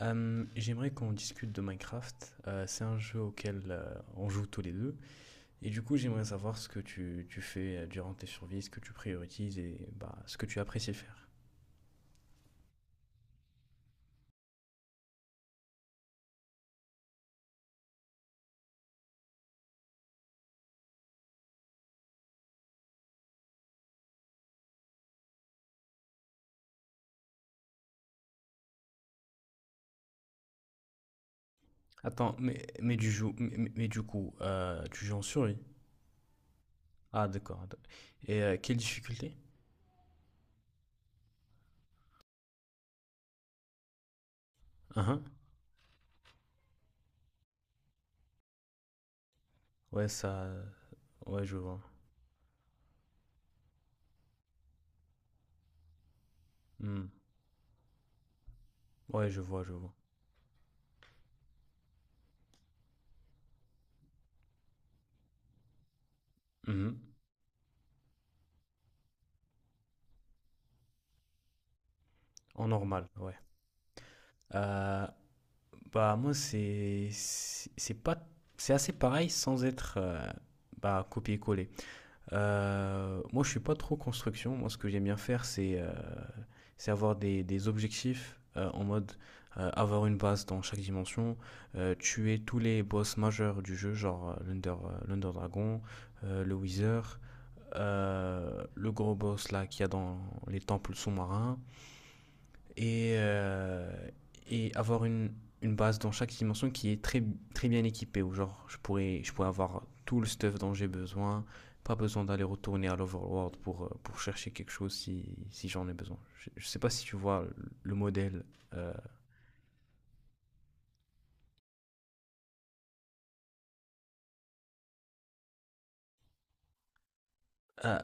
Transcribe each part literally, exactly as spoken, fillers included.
Euh, j'aimerais qu'on discute de Minecraft. Euh, c'est un jeu auquel euh, on joue tous les deux. Et du coup, j'aimerais savoir ce que tu, tu fais euh, durant tes survies, ce que tu priorises et bah, ce que tu apprécies faire. Attends, mais, mais, du, jou- mais, mais- mais du coup, euh, tu joues en survie? Ah, d'accord. D'accord. Et euh, quelle difficulté? Uhum. Ouais, ça. Ouais, je vois. Hmm. Ouais, je vois, je vois. Mhm. En normal, ouais. Euh, Bah, moi, c'est c'est c'est pas c'est assez pareil sans être euh, bah, copier-coller. Euh, moi, je suis pas trop construction. Moi, ce que j'aime bien faire, c'est euh, c'est avoir des, des objectifs euh, en mode euh, avoir une base dans chaque dimension, euh, tuer tous les boss majeurs du jeu, genre euh, l'Under euh, l'Under Dragon, euh, le Wither, euh, le gros boss là qu'il y a dans les temples sous-marins et, euh, et avoir une, une base dans chaque dimension qui est très, très bien équipée, où genre je pourrais, je pourrais avoir tout le stuff dont j'ai besoin, pas besoin d'aller retourner à l'Overworld pour, euh, pour chercher quelque chose si, si j'en ai besoin. Je, je sais pas si tu vois le modèle euh, à,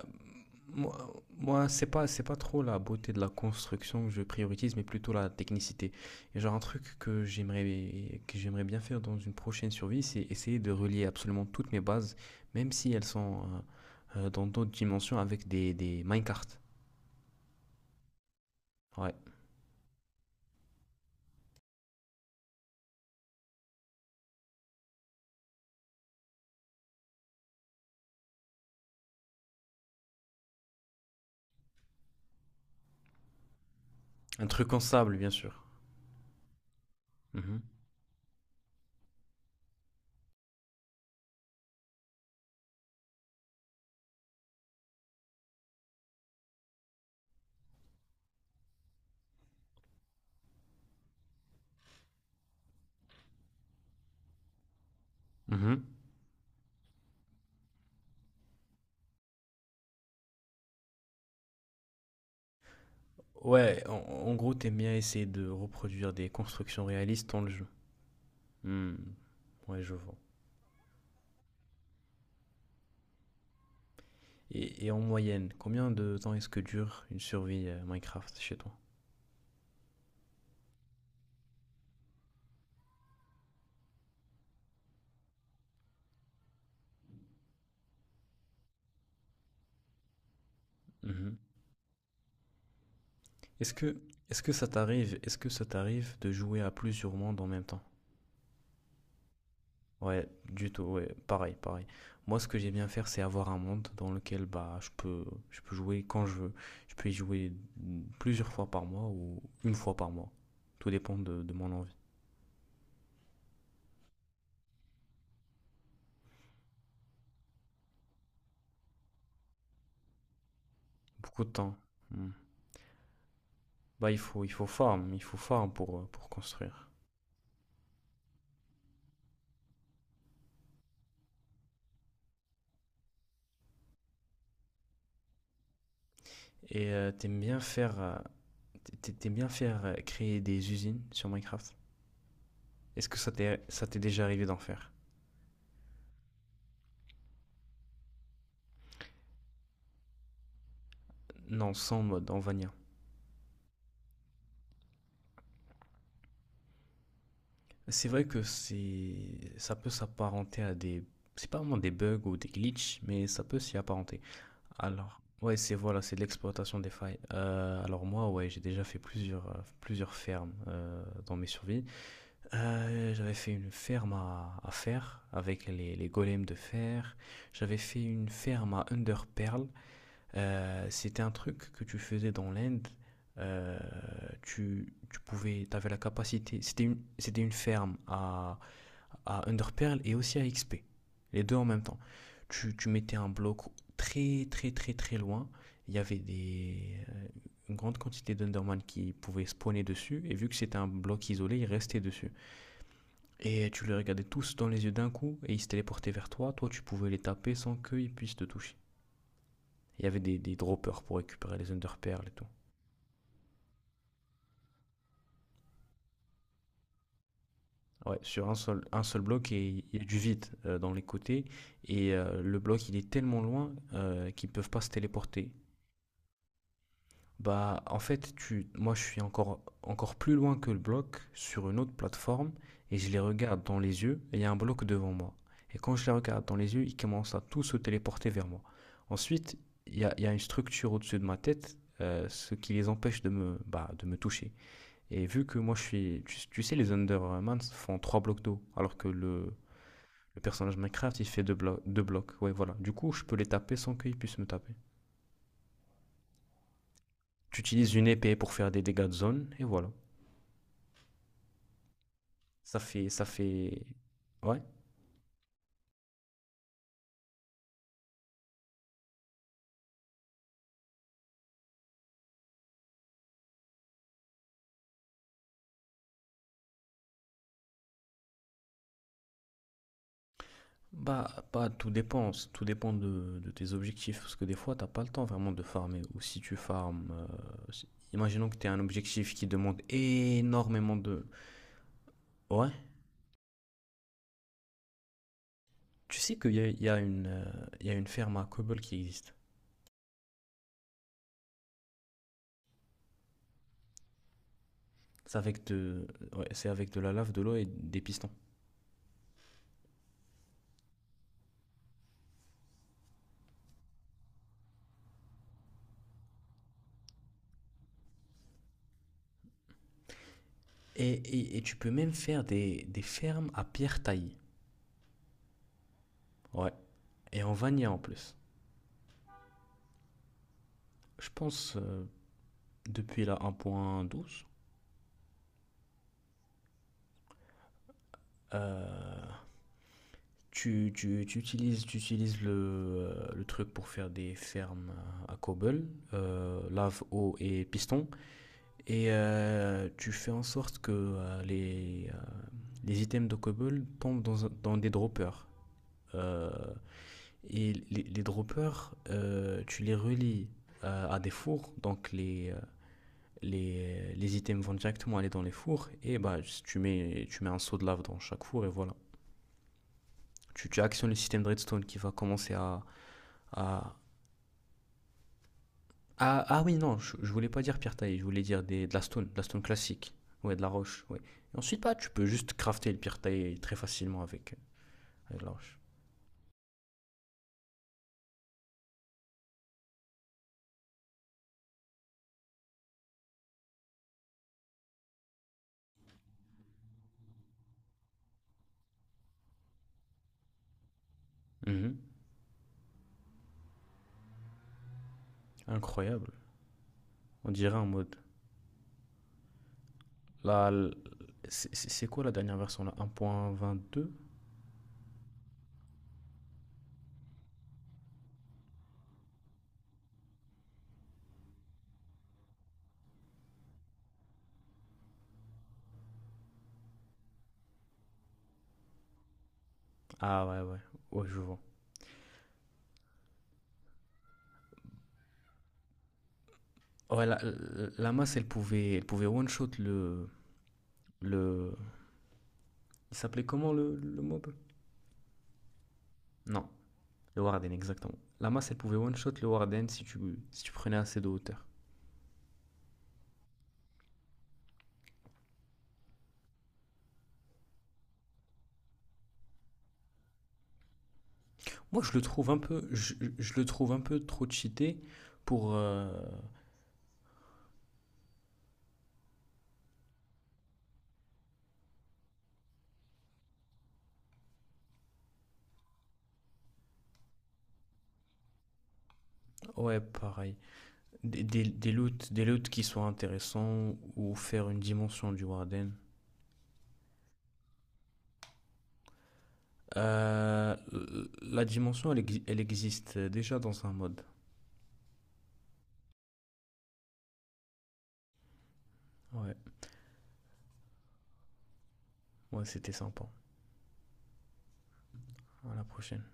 Moi, moi c'est pas, c'est pas trop la beauté de la construction que je priorise, mais plutôt la technicité. Et genre, un truc que j'aimerais, que j'aimerais bien faire dans une prochaine survie, c'est essayer de relier absolument toutes mes bases, même si elles sont euh, euh, dans d'autres dimensions, avec des, des minecarts. Ouais. Un truc en sable, bien sûr. Mhm. Mhm. Ouais, en, en gros, t'aimes bien essayer de reproduire des constructions réalistes dans le jeu. Hmm. Ouais, je vois. Et, et en moyenne, combien de temps est-ce que dure une survie euh, Minecraft chez toi? Mhm. Est-ce que, est-ce que ça t'arrive, est-ce que ça t'arrive de jouer à plusieurs mondes en même temps? Ouais, du tout, ouais, pareil, pareil. Moi, ce que j'aime bien faire, c'est avoir un monde dans lequel bah, je peux, je peux jouer quand je veux. Je peux y jouer plusieurs fois par mois ou une fois par mois. Tout dépend de, de mon envie. Beaucoup de temps. Hmm. Bah, il faut, il faut farm, il faut farm pour, euh, pour construire. Et euh, t'aimes bien faire, euh, T'a- T'aimes bien faire euh, créer des usines sur Minecraft? Est-ce que ça t'est ça t'est déjà arrivé d'en faire? Non, sans mode, en vanilla. C'est vrai que c'est ça peut s'apparenter à des c'est pas vraiment des bugs ou des glitches, mais ça peut s'y apparenter. Alors, ouais, c'est voilà, c'est de l'exploitation des failles. Euh, alors moi, ouais, j'ai déjà fait plusieurs euh, plusieurs fermes euh, dans mes survies. Euh, j'avais fait une ferme à, à fer avec les, les golems de fer. J'avais fait une ferme à Under Pearl. Euh, c'était un truc que tu faisais dans l'Inde. Euh, tu, Tu pouvais, t'avais la capacité. C'était une, c'était une ferme à, à Underpearl et aussi à X P. Les deux en même temps. Tu, tu mettais un bloc très, très, très, très loin. Il y avait des, euh, une grande quantité d'Underman qui pouvaient spawner dessus. Et vu que c'était un bloc isolé, ils restaient dessus. Et tu les regardais tous dans les yeux d'un coup et ils se téléportaient vers toi. Toi, tu pouvais les taper sans qu'ils puissent te toucher. Il y avait des, des droppers pour récupérer les underperles et tout. Ouais, sur un seul, un seul bloc, et il y a du vide euh, dans les côtés. Et euh, le bloc, il est tellement loin euh, qu'ils ne peuvent pas se téléporter. Bah, en fait, tu, moi, je suis encore, encore plus loin que le bloc sur une autre plateforme et je les regarde dans les yeux et il y a un bloc devant moi. Et quand je les regarde dans les yeux, ils commencent à tous se téléporter vers moi. Ensuite, il y a, il y a une structure au-dessus de ma tête, euh, ce qui les empêche de me, bah, de me toucher. Et vu que moi je suis. Tu, tu sais, les Undermans font trois blocs d'eau, alors que le, le personnage Minecraft il fait deux, blo- deux blocs. Ouais, voilà. Du coup, je peux les taper sans qu'ils puissent me taper. Tu utilises une épée pour faire des dégâts de zone, et voilà. Ça fait. Ça fait… Ouais. Bah, bah, tout dépend. Tout dépend de, de tes objectifs. Parce que des fois, t'as pas le temps vraiment de farmer. Ou si tu farmes. euh, Imaginons que t'aies un objectif qui demande énormément de. Ouais. Tu sais qu'il y a, il y a une, euh, il y a une ferme à Cobble qui existe. C'est avec de, ouais, c'est avec de la lave, de l'eau et des pistons. Et, et, et tu peux même faire des, des fermes à pierre taillée. Ouais. Et en vanilla en plus. Je pense euh, depuis la un point douze, euh, tu, tu, tu utilises, tu utilises le, euh, le truc pour faire des fermes à cobble, euh, lave, eau et piston. Et euh, tu fais en sorte que euh, les, euh, les items de cobble tombent dans, dans des droppers. Euh, Et les, les droppers, euh, tu les relis euh, à des fours, donc les, euh, les, les items vont directement aller dans les fours, et bah, tu, mets, tu mets un seau de lave dans chaque four, et voilà. Tu, tu actionnes le système de redstone qui va commencer à… à- Ah, ah oui, non, je, je voulais pas dire pierre taillée, je voulais dire des, de la stone, de la stone classique, ouais, de la roche, ouais. Et ensuite, bah, tu peux juste crafter le pierre taillée très facilement avec, avec la roche. Mhm. Incroyable. On dirait en mode Là, l- c'est c'est- c'est quoi la dernière version là? Un point vingt deux. Ah ouais, ouais, ouais, je vois. Ouais, la, la la masse, elle pouvait, elle pouvait one-shot le, le… Il s'appelait comment le, le mob? Non, le Warden, exactement. La masse, elle pouvait one-shot le Warden si tu, si tu prenais assez de hauteur. Moi, je le trouve un peu, je, je- je le trouve un peu trop cheaté pour… euh, Ouais, pareil. Des, des, des loots, des loots qui soient intéressants ou faire une dimension du Warden. Euh, la dimension, elle, exi- elle existe déjà dans un mode. Ouais, ouais, c'était sympa. À la prochaine.